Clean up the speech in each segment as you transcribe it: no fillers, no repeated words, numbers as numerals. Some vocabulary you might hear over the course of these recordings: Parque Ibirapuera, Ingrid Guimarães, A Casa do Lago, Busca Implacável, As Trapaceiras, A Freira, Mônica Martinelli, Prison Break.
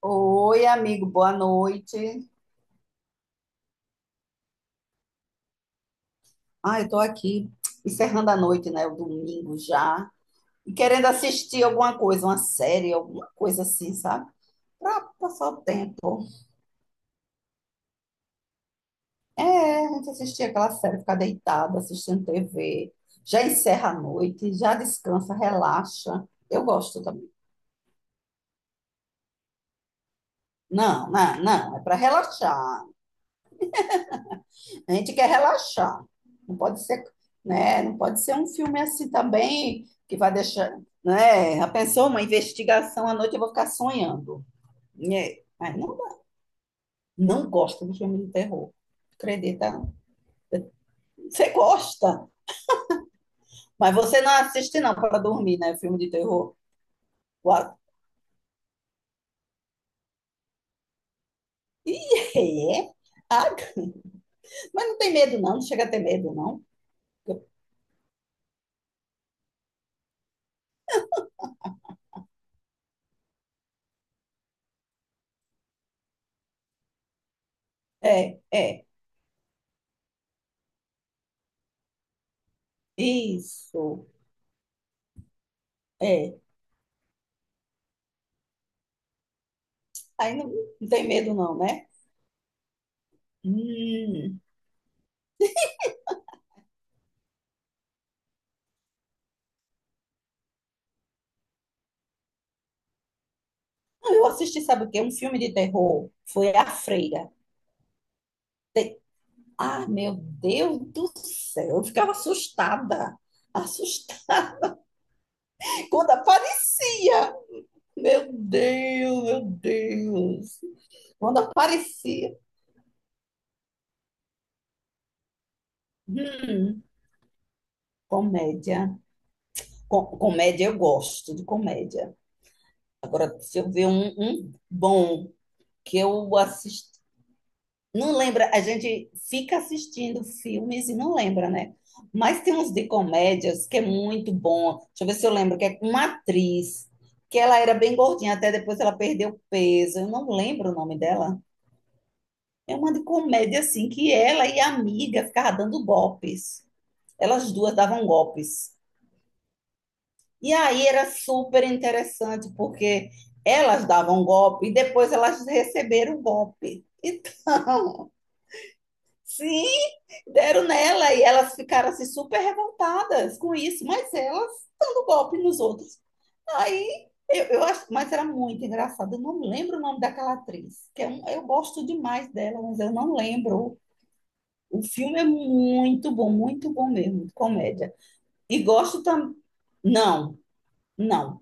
Oi, amigo, boa noite. Ah, eu tô aqui encerrando a noite, né? O domingo já. E querendo assistir alguma coisa, uma série, alguma coisa assim, sabe? Pra passar o tempo. É, a gente assistir aquela série, ficar deitada, assistindo TV. Já encerra a noite, já descansa, relaxa. Eu gosto também. Não, não, não, é pra relaxar. A gente quer relaxar. Não pode ser, né? Não pode ser um filme assim também que vai deixar, né? Já pensou, uma investigação à noite eu vou ficar sonhando. Né? Mas não, dá. Não gosto de filme de terror. Acredita? Não. Você gosta, mas você não assiste não para dormir, né? Filme de terror. Uau. Ih, é? Ah, mas não tem medo não, não chega a ter medo não. É, é, isso, é. Aí não, não tem medo não, né? Hum. Eu assisti, sabe o quê? Um filme de terror. Foi A Freira. Ah, meu Deus do céu. Eu ficava assustada. Assustada quando aparecia. Meu Deus, meu Deus. Quando aparecia. Hum, comédia. Comédia, eu gosto de comédia. Agora, se eu ver um bom que eu assisti. Não lembra, a gente fica assistindo filmes e não lembra, né? Mas tem uns de comédias que é muito bom. Deixa eu ver se eu lembro, que é com uma atriz, que ela era bem gordinha, até depois ela perdeu peso. Eu não lembro o nome dela. É uma de comédia, assim, que ela e a amiga ficavam dando golpes. Elas duas davam golpes. E aí era super interessante, porque elas davam golpe e depois elas receberam o golpe. Então, sim, deram nela e elas ficaram assim super revoltadas com isso, mas elas dando golpe nos outros. Aí eu acho, mas era muito engraçado. Eu não lembro o nome daquela atriz, que é um, eu gosto demais dela, mas eu não lembro. O filme é muito bom mesmo, de comédia. E gosto também. Não, não.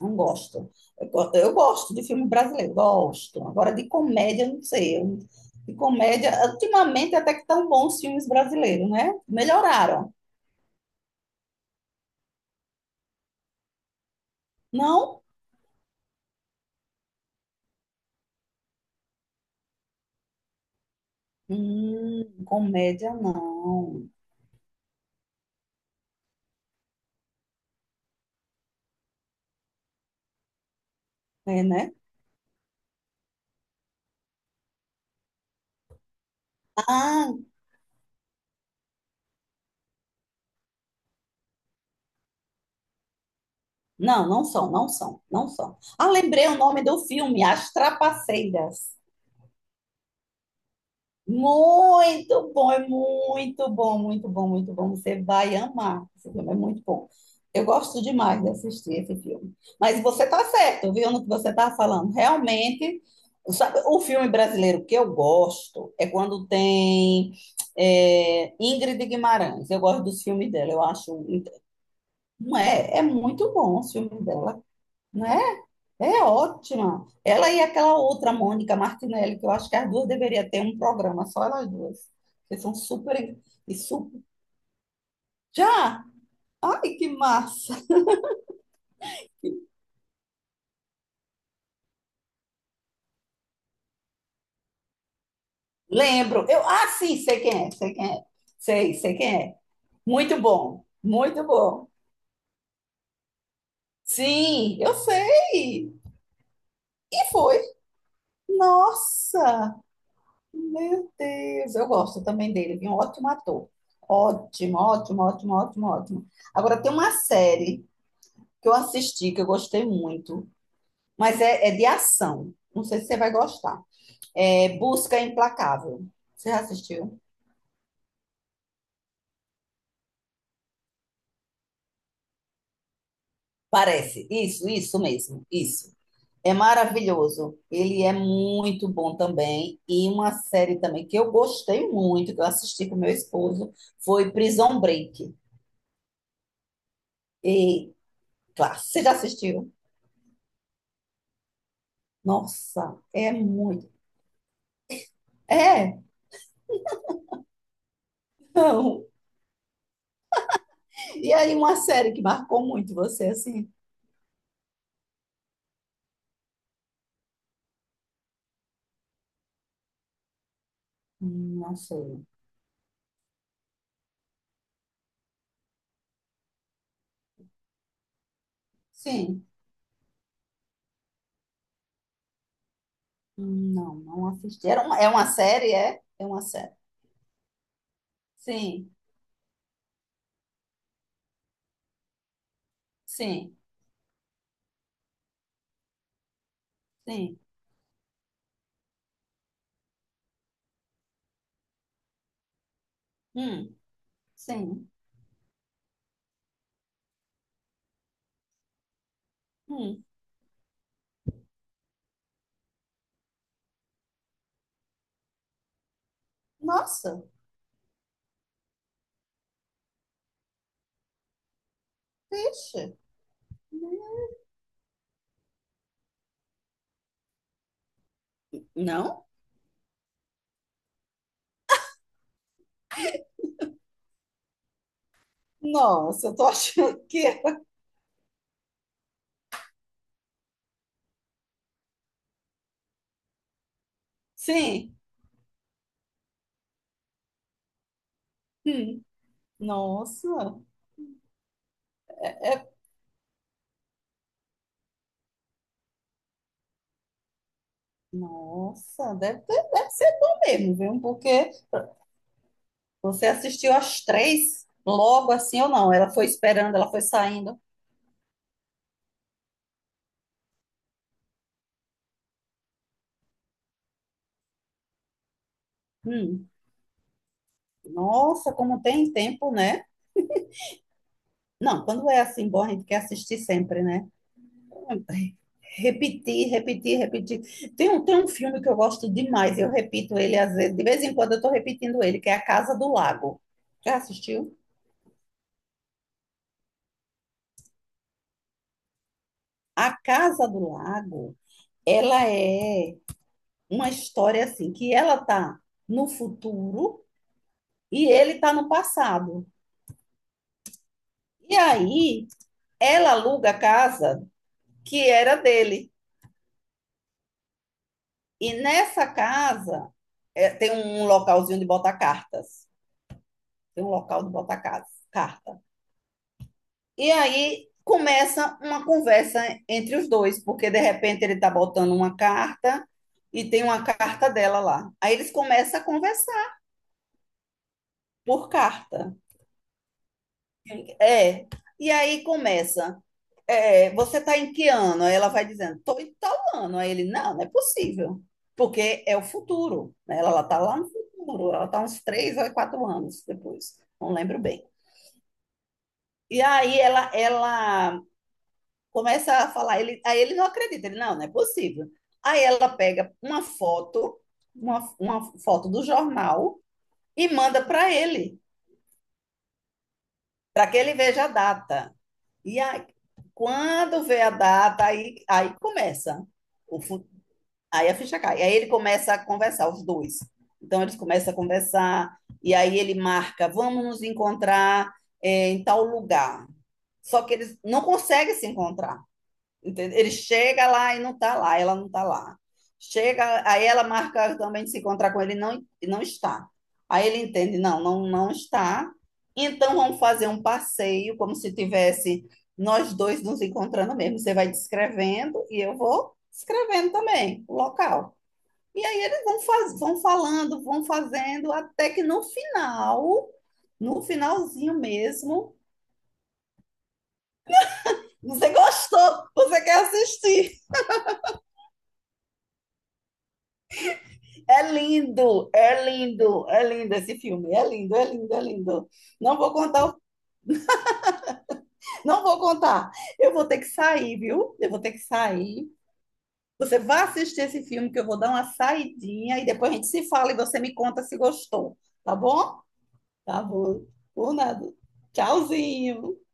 Não gosto. Eu gosto de filme brasileiro, gosto. Agora, de comédia, não sei. Eu... De comédia, ultimamente até que tão bons filmes brasileiros, né? Melhoraram. Não? Comédia, não. É, né? Ah, não, não são, não são, não são. Ah, lembrei o nome do filme, As Trapaceiras. Muito bom, é muito bom, muito bom, muito bom. Você vai amar. Esse filme é muito bom. Eu gosto demais de assistir esse filme. Mas você está certo, viu, no que você está falando. Realmente, sabe, o filme brasileiro que eu gosto é quando tem é, Ingrid Guimarães. Eu gosto dos filmes dela, eu acho. Não é, é muito bom o filme dela, né? É ótima. Ela e aquela outra, Mônica Martinelli, que eu acho que as duas deveriam ter um programa, só elas duas. Porque são super e super. Já! Ai, que massa! Lembro. Eu, ah, sim, sei quem é, sei quem é. Sei, sei quem é. Muito bom, muito bom. Sim, eu sei. E foi. Nossa! Meu Deus, eu gosto também dele, ele é um ótimo ator. Ótimo, ótimo, ótimo, ótimo, ótimo. Agora tem uma série que eu assisti, que eu gostei muito, mas é de ação. Não sei se você vai gostar. É Busca Implacável. Você já assistiu? Parece. Isso mesmo. Isso. É maravilhoso. Ele é muito bom também. E uma série também que eu gostei muito, que eu assisti com meu esposo, foi Prison Break. E, claro, você já assistiu? Nossa, é muito. É, não. E aí, uma série que marcou muito você, assim? Não sei. Sim. Não, não assisti. É uma série, é? É uma série. Sim, sim, sim. Hum, sim. Hum. Nossa, vixe. Não? Nossa, eu tô achando que é. Sim. Nossa, é... Deve ser bom mesmo, viu? Porque você assistiu as três logo assim ou não? Ela foi esperando, ela foi saindo. Hum. Nossa, como tem tempo, né? Não, quando é assim bom, a gente quer assistir sempre, né? Repetir, repetir, repetir. Tem um filme que eu gosto demais, eu repito ele às vezes, de vez em quando eu estou repetindo ele, que é A Casa do Lago. Já assistiu? A Casa do Lago, ela é uma história assim, que ela tá no futuro e ele tá no passado. E aí, ela aluga a casa que era dele. E nessa casa, é, tem um localzinho de botar cartas. Tem um local de botar cartas. E aí começa uma conversa entre os dois, porque de repente ele está botando uma carta e tem uma carta dela lá. Aí eles começam a conversar por carta. É. E aí começa. É, você está em que ano? Aí ela vai dizendo, estou em tal ano. Aí ele, não, não é possível, porque é o futuro. Né? Ela está lá no futuro, ela está uns 3 ou 4 anos depois, não lembro bem. E aí ela começa a falar, ele, aí ele não acredita, ele, não, não é possível. Aí ela pega uma foto, uma foto do jornal e manda para ele, para que ele veja a data. E aí, quando vê a data, aí começa, o, aí a ficha cai. Aí ele começa a conversar, os dois. Então eles começam a conversar, e aí ele marca, vamos nos encontrar em tal lugar. Só que eles não conseguem se encontrar. Entende? Ele chega lá e não está lá, ela não está lá. Chega, aí ela marca também de se encontrar com ele, e não está. Aí ele entende, não, não, não está. Então vamos fazer um passeio, como se tivesse nós dois nos encontrando mesmo. Você vai descrevendo e eu vou escrevendo também o local. E aí eles vão, faz, vão falando, vão fazendo, até que no final, no finalzinho mesmo, você gostou, você quer assistir. É lindo, é lindo, é lindo esse filme. É lindo, é lindo, é lindo. Não vou contar, o- não vou contar. Eu vou ter que sair, viu? Eu vou ter que sair. Você vai assistir esse filme que eu vou dar uma saidinha e depois a gente se fala e você me conta se gostou, tá bom? Tá bom. Por nada. Tchauzinho.